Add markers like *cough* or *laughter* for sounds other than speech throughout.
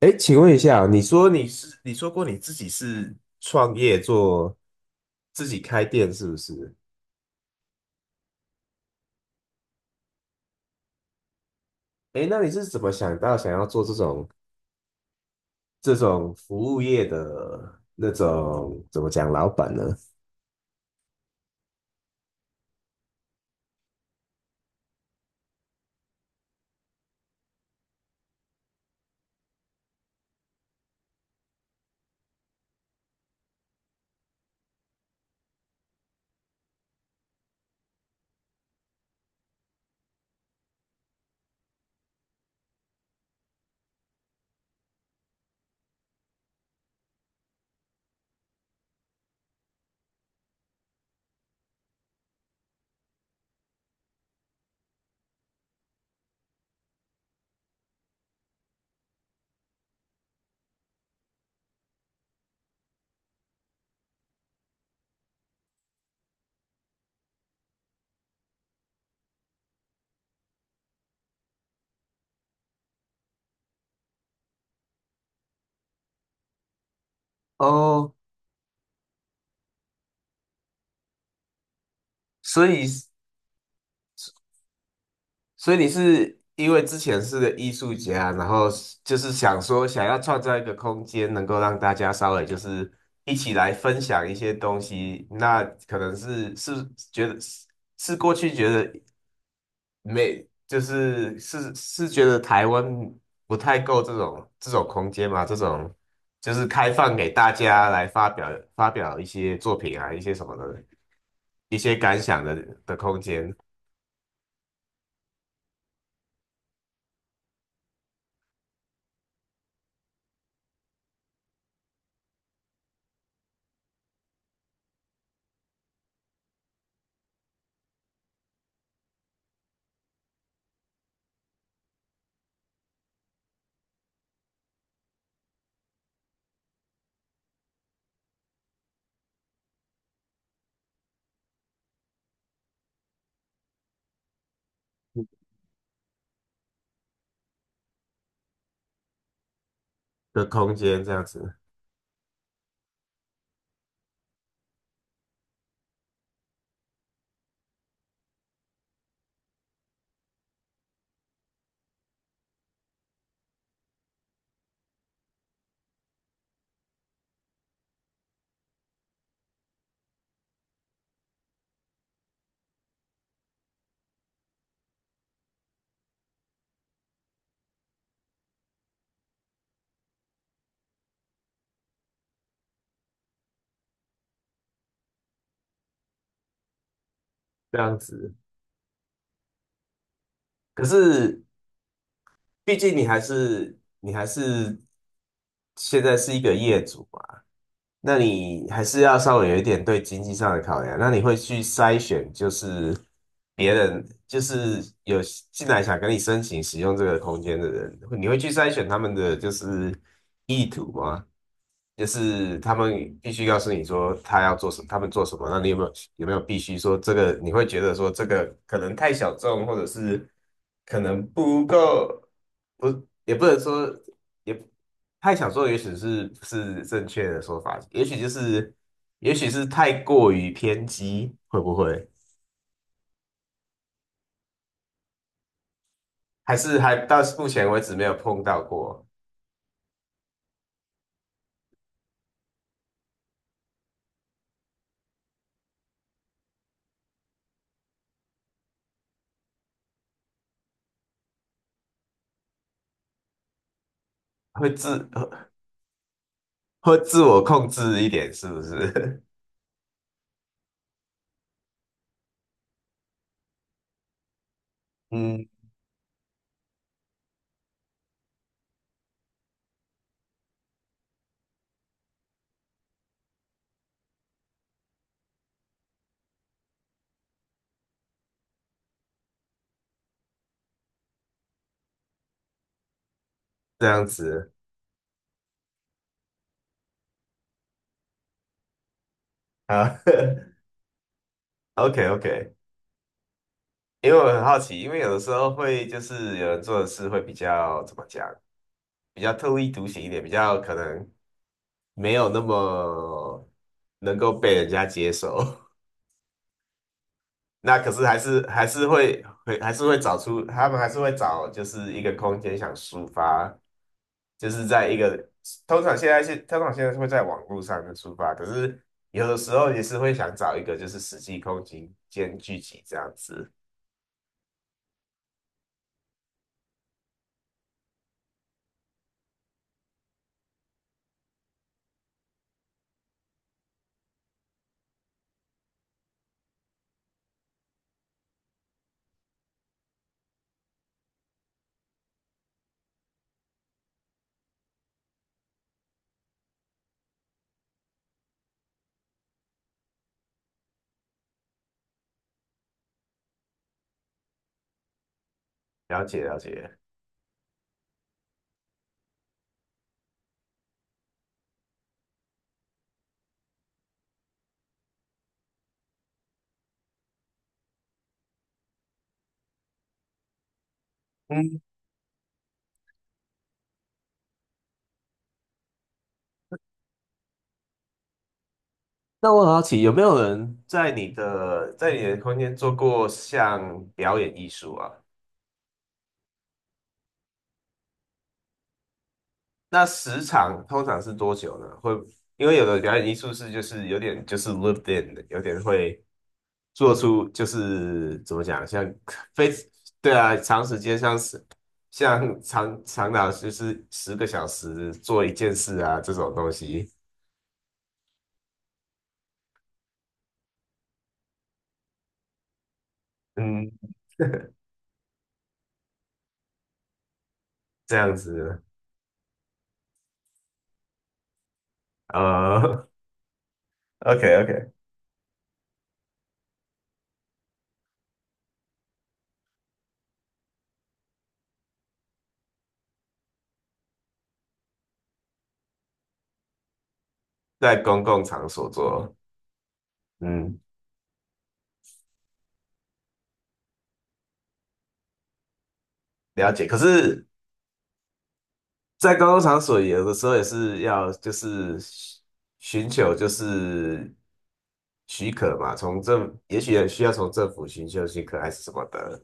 哎，请问一下，你说过你自己是创业做自己开店是不是？哎，那你是怎么想到想要做这种服务业的那种怎么讲老板呢？哦，所以所以你是因为之前是个艺术家，然后就是想说想要创造一个空间，能够让大家稍微就是一起来分享一些东西，那可能是觉得是过去觉得没，就是是觉得台湾不太够这种空间嘛，这种就是开放给大家来发表一些作品啊，一些什么的，一些感想的空间这样子这样子。可是毕竟你还是现在是一个业主嘛。那你还是要稍微有一点对经济上的考量。那你会去筛选，就是别人就是有进来想跟你申请使用这个空间的人，你会去筛选他们的就是意图吗？就是他们必须告诉你说他要做什么，他们做什么，那你有没有必须说这个？你会觉得说这个可能太小众，或者是可能不够，不也不能说也太小众，也许是不是正确的说法，也许是太过于偏激，会不会？还到目前为止没有碰到过，会自会自我控制一点，是不是？*laughs* 嗯，这样子啊。*laughs* OK OK,因为我很好奇，因为有的时候会就是有人做的事会比较怎么讲，比较特立独行一点，比较可能没有那么能够被人家接受。*laughs* 那可是还是会还是会找出他们还是会找就是一个空间想抒发，就是在一个通常现在是会在网络上面抒发，可是有的时候也是会想找一个就是实际空间聚集这样子。了解了解。嗯。那我很好奇，有没有人在你的在你的空间做过像表演艺术啊？那时长通常是多久呢？会，因为有的表演艺术就是有点就是 lived in 的，有点会做出就是怎么讲，像非对啊，长时间像长达就是10个小时做一件事啊这种东西，嗯，这样子，呃 o k o k *laughs* 在公共场所做，嗯。了解，可是在公共场所有的时候也是要就是寻求就是许可嘛，也许也需要从政府寻求许可还是什么的。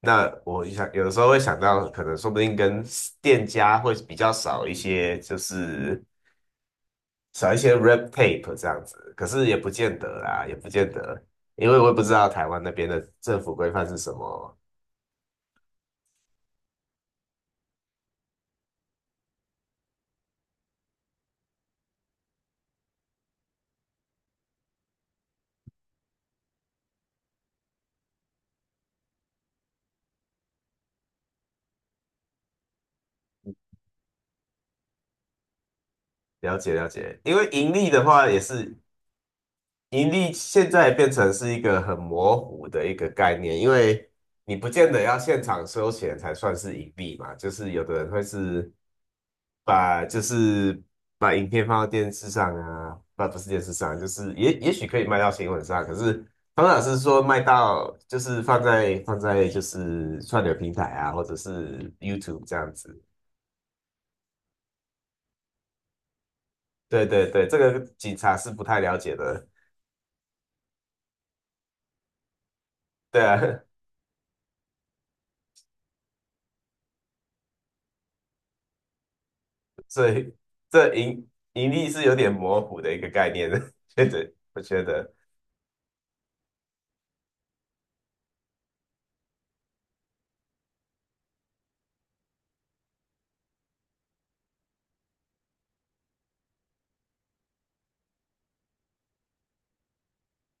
那我想有的时候会想到，可能说不定跟店家会比较少一些，就是少一些 red tape 这样子。可是也不见得啦，也不见得，因为我也不知道台湾那边的政府规范是什么。了解了解，因为盈利现在变成是一个很模糊的一个概念，因为你不见得要现场收钱才算是盈利嘛，就是有的人会是把就是把影片放到电视上啊，不是电视上，就是也许可以卖到新闻上，可是方老师说卖到就是放在就是串流平台啊，或者是 YouTube 这样子，对对对，这个警察是不太了解的，对啊，所以这盈盈利是有点模糊的一个概念的，*laughs* 我觉得。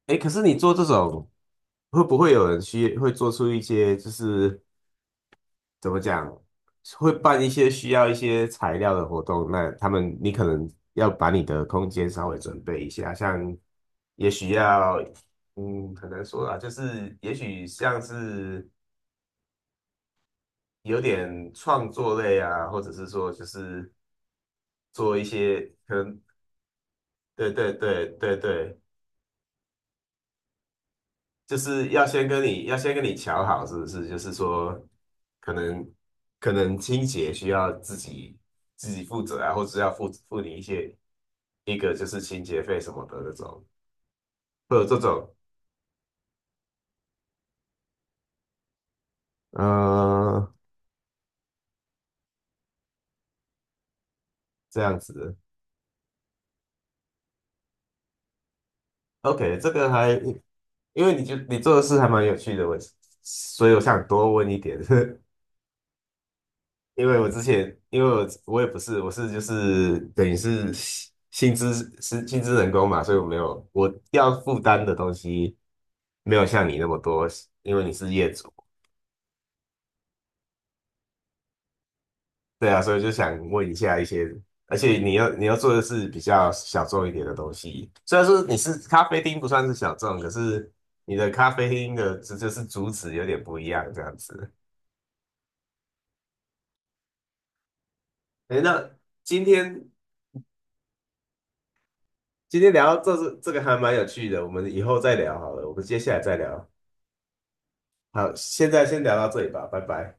哎，可是你做这种，会不会有人会做出一些就是怎么讲，会办一些需要一些材料的活动？那你可能要把你的空间稍微准备一下，像也许要，很难说啊，就是也许像是有点创作类啊，或者是说就是做一些可能，对对对对对。就是要先跟你瞧好，是不是？就是说，可能可能清洁需要自己负责啊，或者是要付你一个就是清洁费什么的那种，会有这种嗯这样子的。OK,这个还因为你做的事还蛮有趣的，所以我想多问一点。*laughs* 因为我之前，因为我也不是，我是就是等于是薪资是薪资人工嘛，所以我没有我要负担的东西没有像你那么多，因为你是业主，对啊，所以就想问一下一些，而且你要做的是比较小众一点的东西，虽然说你是咖啡厅不算是小众，可是你的咖啡厅的这就是主旨有点不一样这样子。哎，那今天今天聊到这个还蛮有趣的，我们以后再聊好了，我们接下来再聊。好，现在先聊到这里吧，拜拜。